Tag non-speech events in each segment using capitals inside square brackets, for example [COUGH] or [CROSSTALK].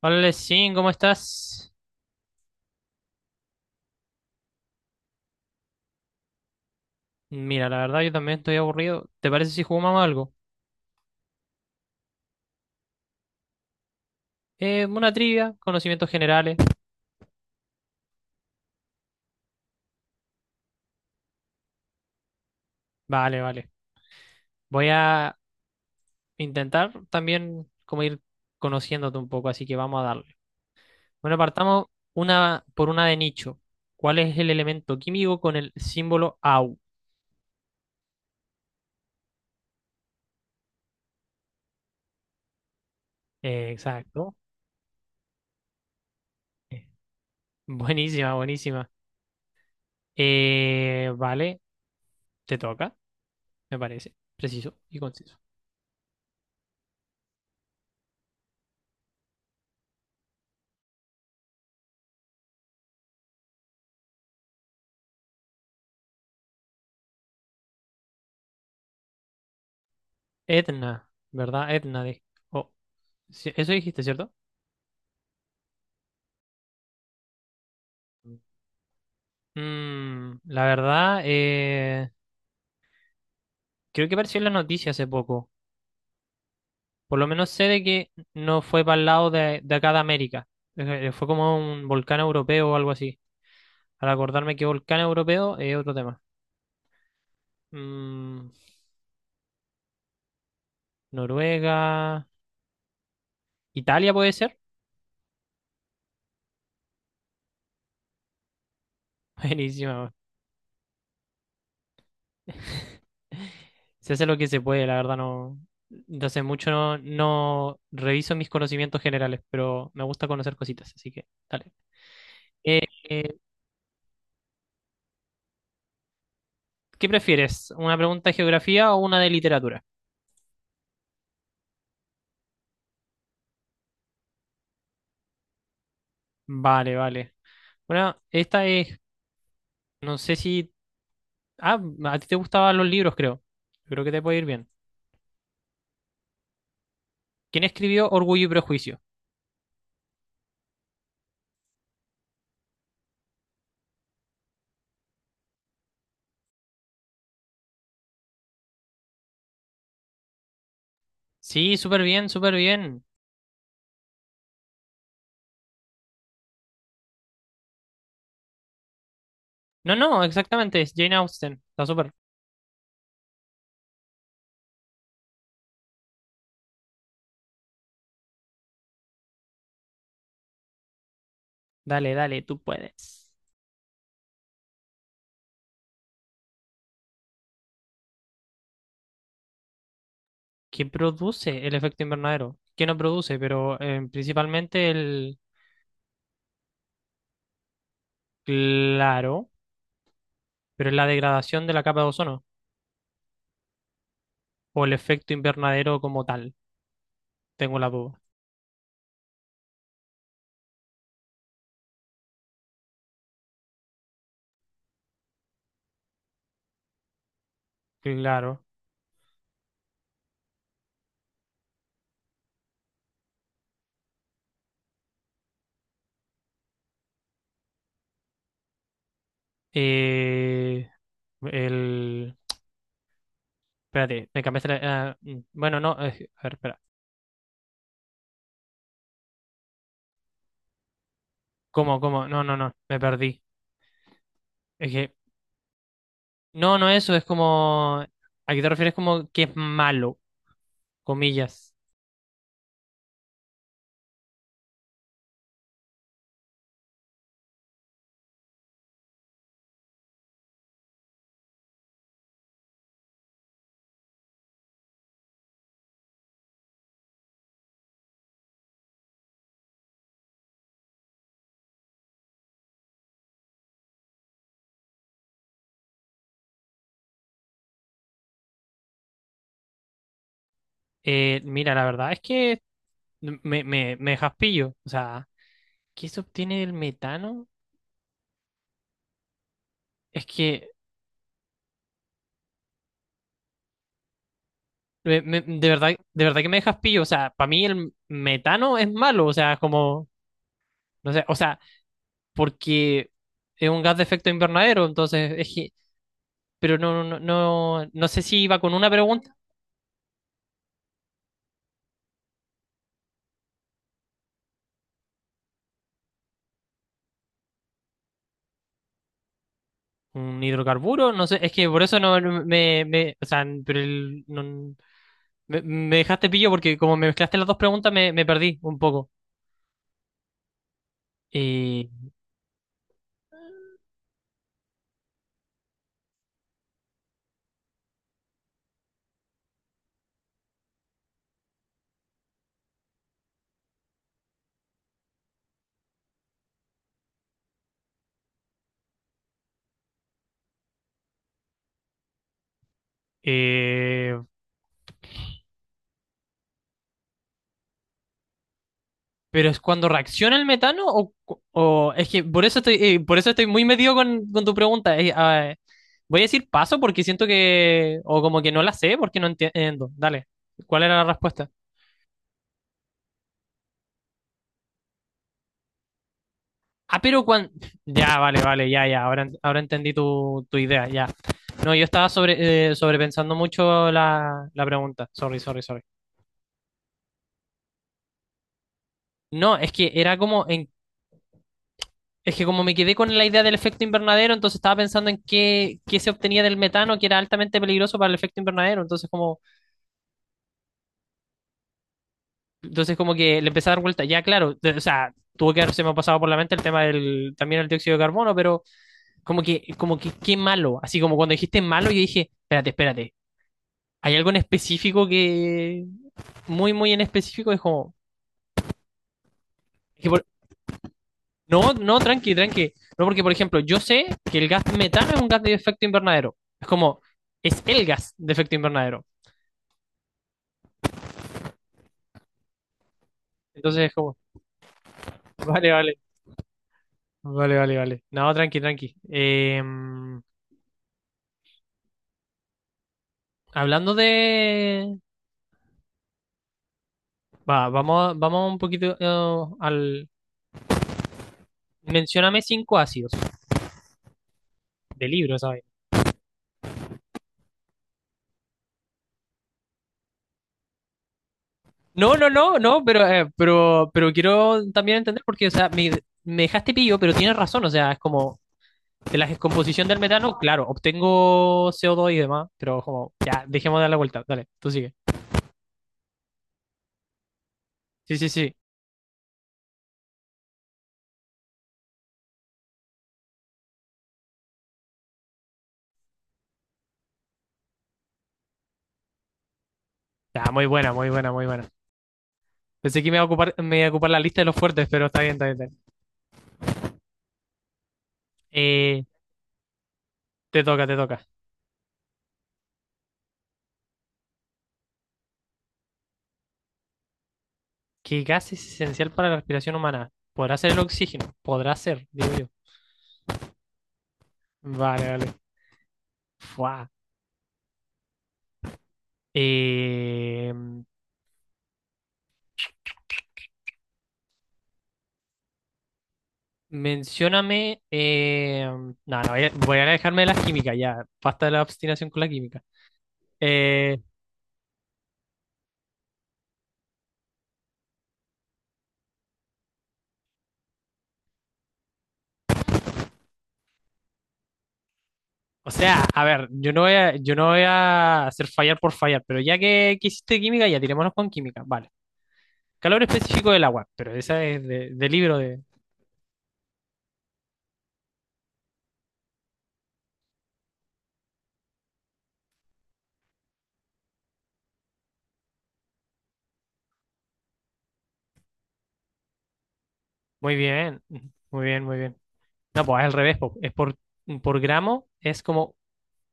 Hola, Lesin, ¿cómo estás? Mira, la verdad yo también estoy aburrido. ¿Te parece si jugamos algo? Una trivia, conocimientos generales. Vale, vale. Voy a intentar también como ir conociéndote un poco, así que vamos a darle. Bueno, partamos una por una de nicho. ¿Cuál es el elemento químico con el símbolo Au? Exacto. Eh, [LAUGHS] Buenísima, buenísima. Vale, te toca, me parece. Preciso y conciso. Etna, ¿verdad? Etna de... o Sí, eso dijiste, ¿cierto? Mm, la verdad, creo que apareció en la noticia hace poco. Por lo menos sé de que no fue para el lado de acá de América. Fue como un volcán europeo o algo así. Al acordarme que volcán europeo es otro tema. Mm, Noruega, Italia puede ser. [LAUGHS] Buenísima. Weón. Se hace lo que se puede, la verdad no. De hace mucho no reviso mis conocimientos generales, pero me gusta conocer cositas, así que dale. Eh, eh, ¿Qué prefieres? ¿Una pregunta de geografía o una de literatura? Vale, vale. Bueno, esta es, no sé si... Ah, a ti te gustaban los libros, creo. Creo que te puede ir bien. ¿Quién escribió Orgullo y Prejuicio? Sí, súper bien, súper bien. No, no, exactamente, es Jane Austen. Está súper. Dale, dale, tú puedes. ¿Quién produce el efecto invernadero? ¿Quién no produce? Pero principalmente el... Claro, pero es la degradación de la capa de ozono o el efecto invernadero como tal. Tengo la duda. Claro. Eh, el... Espérate, me cambiaste la... ah, mm, bueno, no, a ver, espera. ¿Cómo, cómo? No, no, no, me perdí. Es que... No, no eso, es como... ¿A qué te refieres como que es malo? Comillas. Mira, la verdad es que me dejas pillo. O sea, ¿qué se obtiene del metano? Es que... de verdad que me dejas pillo. O sea, para mí el metano es malo. O sea, es como... No sé, o sea... porque es un gas de efecto invernadero, entonces es que, pero no sé si iba con una pregunta, un hidrocarburo, no sé, es que por eso no no, me o sea, me dejaste pillo porque como me mezclaste las dos preguntas me perdí un poco. Eh, eh, pero es cuando reacciona el metano o, cu- o es que por eso estoy muy metido con tu pregunta. Voy a decir paso porque siento que, o como que no la sé porque no entiendo. Dale, ¿cuál era la respuesta? Ah, pero cuando... Ya, vale, vale, ya, ya. Ahora, ahora entendí tu idea, ya. No, yo estaba sobrepensando mucho la pregunta. Sorry, sorry, sorry. No, es que era como en... Es que como me quedé con la idea del efecto invernadero, entonces estaba pensando en qué se obtenía del metano, que era altamente peligroso para el efecto invernadero. Entonces como que le empecé a dar vuelta. Ya, claro, o sea, tuvo que haberse me ha pasado por la mente el tema del, también el dióxido de carbono, pero como que qué malo. Así como cuando dijiste malo, yo dije, espérate, espérate. Hay algo en específico que, muy, muy en específico, es como, que por- no, no, tranqui, tranqui. No, porque, por ejemplo, yo sé que el gas metano es un gas de efecto invernadero. Es como, es el gas de efecto invernadero. Entonces es como, [LAUGHS] vale, vale, vale. No, tranqui, tranqui. Hablando de... vamos un poquito al... Mencióname cinco ácidos de libros. No, no, no, no, pero quiero también entender porque, o sea, me dejaste pillo, pero tienes razón, o sea, es como de la descomposición del metano, claro, obtengo co dos y demás, pero como, ya, dejemos de dar la vuelta, dale, tú sigue. Sí, sí, sí. Ya, muy buena, muy buena, muy buena. Pensé que me iba a ocupar la lista de los fuertes, pero está bien, está bien, está bien. Eh, te toca, te toca. ¿Qué gas es esencial para la respiración humana? ¿Podrá ser el oxígeno? Podrá ser, digo yo. Vale, vale. Fuá. Eh, Mencióname. No, voy a, voy a dejarme de las químicas ya. Basta de la obstinación con la química. Eh, o sea, a ver, yo no voy a, yo no voy a hacer fallar por fallar, pero ya que hiciste química, ya tirémonos con química. Vale. Calor específico del agua, pero esa es de libro de. Muy bien, muy bien, muy bien. No, pues es al revés, po. Es por gramo, es como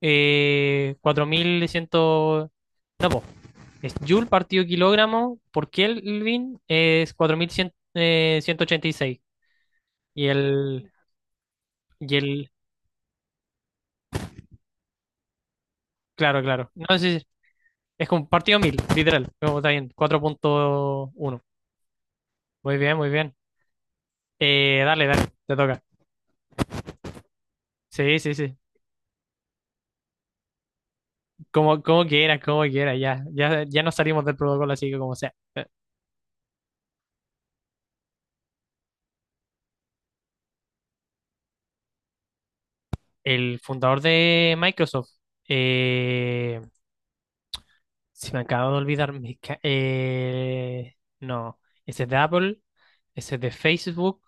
4100. No, pues es joule partido kilogramo por Kelvin es 4100 186 y el, y el, claro, claro. No, es sí, es como partido 1000 literal. Como está bien, 4.1. Muy bien, muy bien. Dale, dale, te toca. Sí, sí, sí. Como, como quieras, ya, ya, ya nos salimos del protocolo, así que como sea. El fundador de Microsoft, eh, se me acaba de olvidar mi... no, ese es de Apple, ese es de Facebook,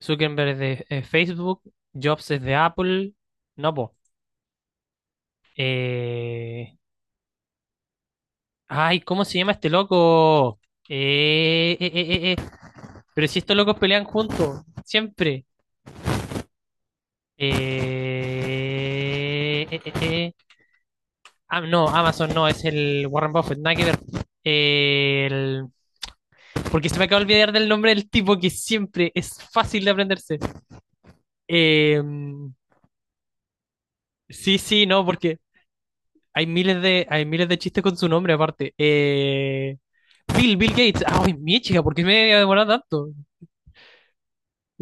Zuckerberg es de Facebook, Jobs es de Apple, no, po. Eh, Ay, ¿cómo se llama este loco? Eh, eh, eh, eh, eh, Pero si estos locos pelean juntos, siempre. Eh, eh, eh, eh. Ah, no, Amazon no, es el Warren Buffett, nada que ver. El- Porque se me acaba de olvidar del nombre del tipo que siempre es fácil de aprenderse. Eh, sí, sí, no, porque hay miles de chistes con su nombre aparte. Bill, Bill Gates. Ay, mi chica, ¿por qué me he demorado tanto?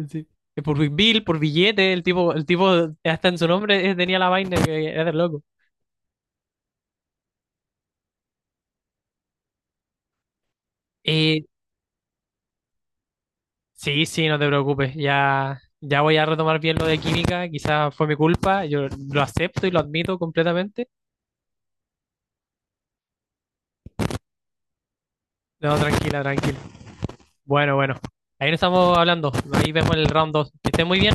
Sí. Es por Bill, por billete, el tipo, hasta en su nombre tenía la vaina que era de loco. Eh, sí, sí, no te preocupes, ya, ya voy a retomar bien lo de química, quizás fue mi culpa, yo lo acepto y lo admito completamente. No, tranquila, tranquila. Bueno, bueno. Ahí nos estamos hablando. Ahí vemos el round 2. Que esté muy bien.